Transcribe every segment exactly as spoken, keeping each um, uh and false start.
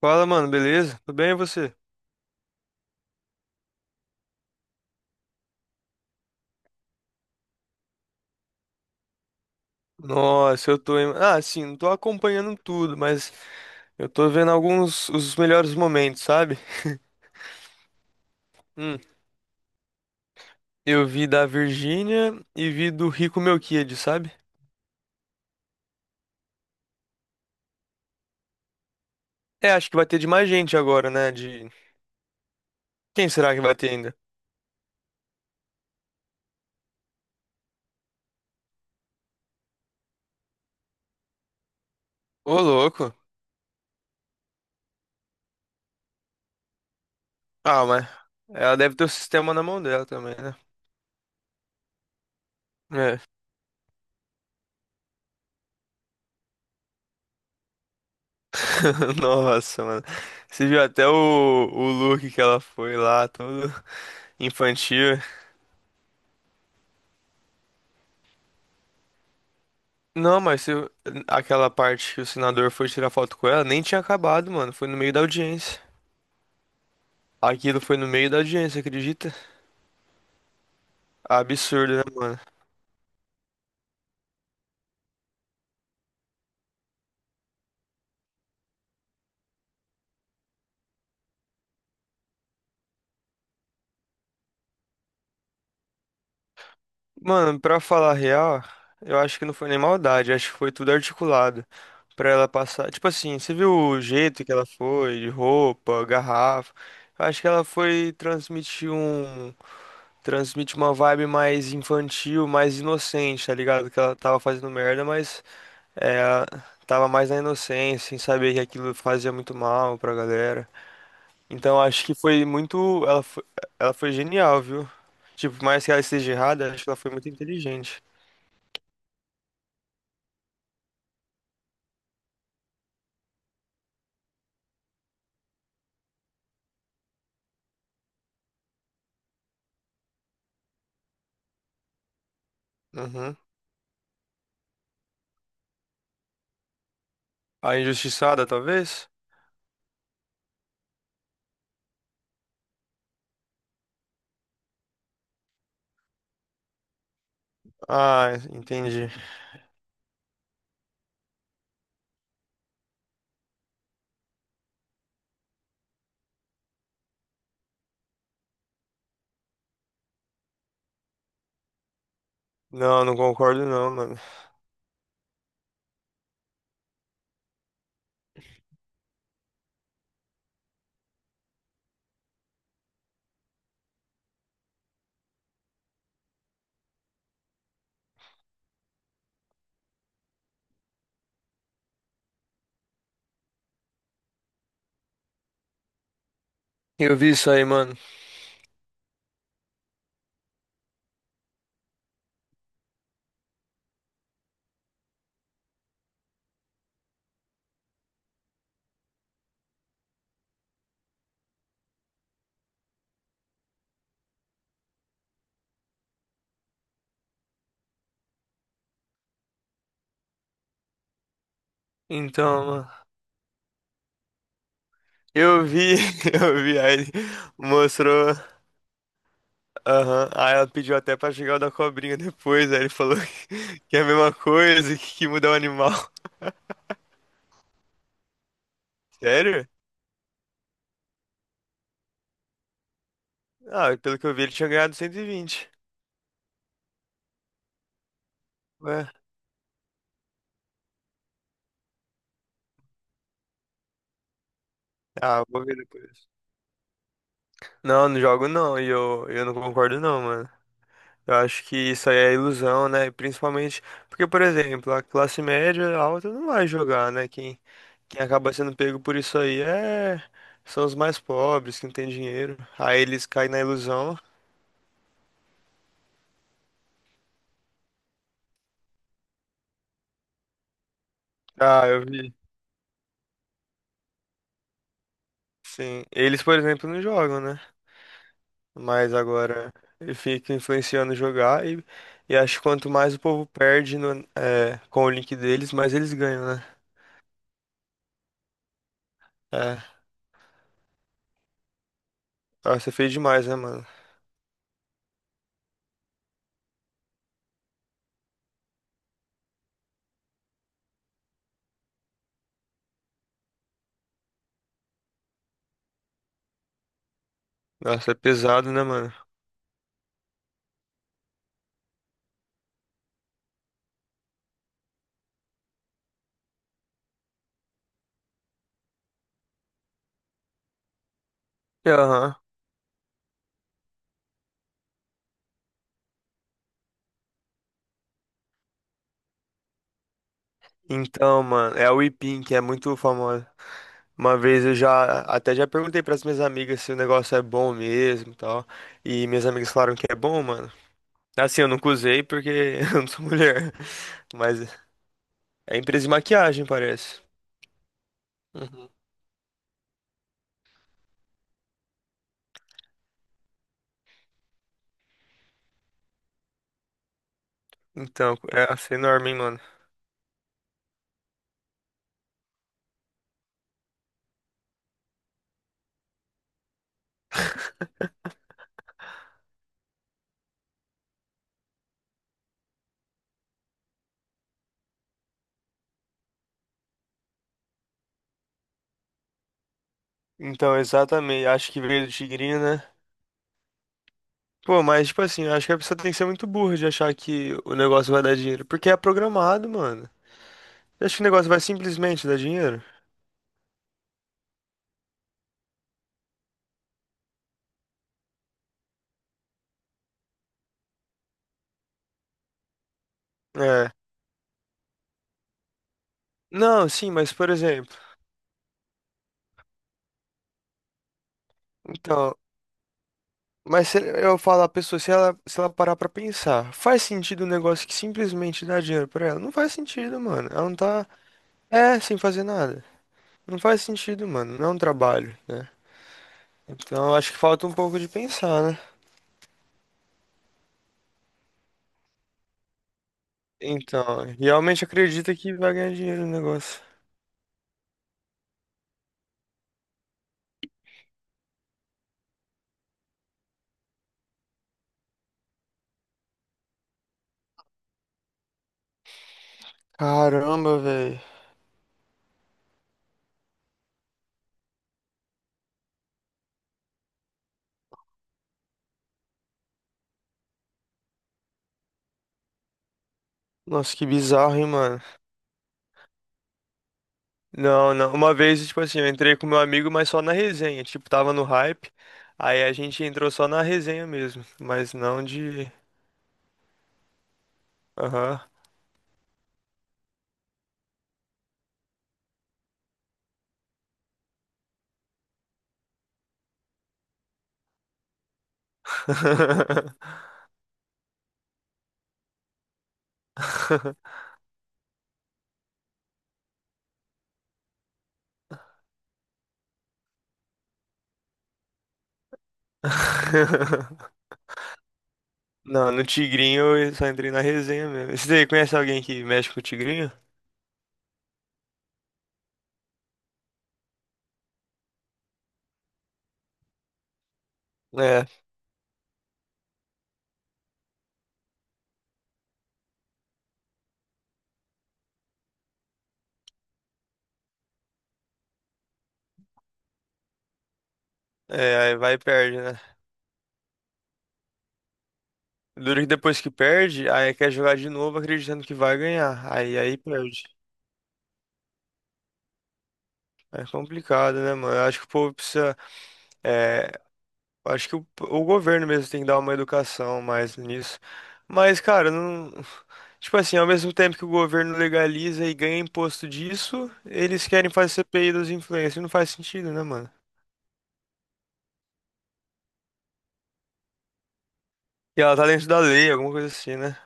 Fala, mano, beleza? Tudo bem e você? Nossa, eu tô. Em- Ah, assim, não tô acompanhando tudo, mas eu tô vendo alguns os melhores momentos, sabe? Hum, eu vi da Virgínia e vi do Rico Meu Kid, sabe? É, acho que vai ter de mais gente agora, né? De. Quem será que vai ter ainda? Ô, louco. Ah, mas. Ela deve ter o sistema na mão dela também, né? É. Nossa, mano. Você viu até o, o look que ela foi lá, todo infantil. Não, mas se, eu- aquela parte que o senador foi tirar foto com ela, nem tinha acabado, mano. Foi no meio da audiência. Aquilo foi no meio da audiência, acredita? Absurdo, né, mano? Mano, pra falar a real, eu acho que não foi nem maldade, acho que foi tudo articulado. Pra ela passar. Tipo assim, você viu o jeito que ela foi, de roupa, garrafa. Eu acho que ela foi transmitir um. Transmite uma vibe mais infantil, mais inocente, tá ligado? Que ela tava fazendo merda, mas. É, tava mais na inocência, sem saber que aquilo fazia muito mal pra galera. Então acho que foi muito. Ela foi, ela foi genial, viu? Tipo, por mais que ela esteja errada, acho que ela foi muito inteligente. Uhum. A injustiçada, talvez? Ah, entendi. Não, não concordo não, mano. Eu vi isso aí, mano. Então, mano, eu vi, eu vi, aí ele mostrou, aham, aí ela pediu até pra jogar o da cobrinha depois, aí ele falou que que é a mesma coisa, que, que muda o animal. Sério? Ah, pelo que eu vi, ele tinha ganhado cento e vinte. Ué? Ah, vou ver depois. Não, não jogo não, e eu, eu não concordo não, mano. Eu acho que isso aí é ilusão, né? Principalmente porque, por exemplo, a classe média alta não vai jogar, né? Quem, quem acaba sendo pego por isso aí é... são os mais pobres, que não tem dinheiro. Aí eles caem na ilusão. Ah, eu vi. Sim. Eles, por exemplo, não jogam, né? Mas agora ele fica influenciando jogar e, e acho que quanto mais o povo perde no- é, com o link deles, mais eles ganham, né? É. Nossa, é feio demais, né, mano? Nossa, é pesado, né, mano? E, aham. Então, mano, é a Weepin que é muito famosa. Uma vez eu já até já perguntei para as minhas amigas se o negócio é bom mesmo e tal. E minhas amigas falaram que é bom, mano. Assim, eu nunca usei porque eu não sou mulher. Mas é empresa de maquiagem, parece. Uhum. Então, é assim enorme, hein, mano. Então, exatamente. Acho que veio do tigrinho, né? Pô, mas, tipo assim, eu acho que a pessoa tem que ser muito burra de achar que o negócio vai dar dinheiro. Porque é programado, mano. Você acha que o negócio vai simplesmente dar dinheiro? É. Não, sim, mas, por exemplo. Então, mas se eu falar a pessoa, se ela, se ela parar pra pensar, faz sentido um negócio que simplesmente dá dinheiro pra ela? Não faz sentido, mano. Ela não tá. É, sem fazer nada. Não faz sentido, mano. Não é um trabalho, né? Então, eu acho que falta um pouco de pensar, né? Então, realmente acredita que vai ganhar dinheiro no negócio. Caramba, velho. Nossa, que bizarro, hein, mano. Não, não. Uma vez, tipo assim, eu entrei com meu amigo, mas só na resenha. Tipo, tava no hype. Aí a gente entrou só na resenha mesmo. Mas não de. Aham. Não, no Tigrinho eu só entrei na resenha mesmo. Você conhece alguém que mexe com o Tigrinho? É, é, aí vai e perde, né? Duro que depois que perde, aí quer jogar de novo acreditando que vai ganhar. Aí, aí perde. É complicado, né, mano? Eu acho que o povo precisa. É, eu acho que o, o governo mesmo tem que dar uma educação mais nisso. Mas, cara, não. Tipo assim, ao mesmo tempo que o governo legaliza e ganha imposto disso, eles querem fazer C P I dos influencers. Não faz sentido, né, mano? E ela tá dentro da lei, alguma coisa assim, né?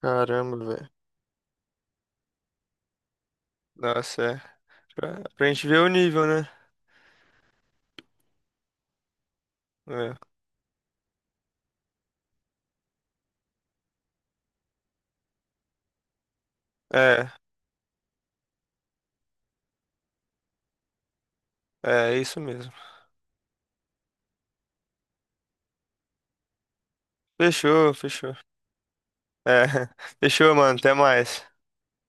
Caramba, velho. Nossa, é. Pra, pra gente ver o nível, né? É, é, é isso mesmo. Fechou, fechou. É, fechou, mano. Até mais.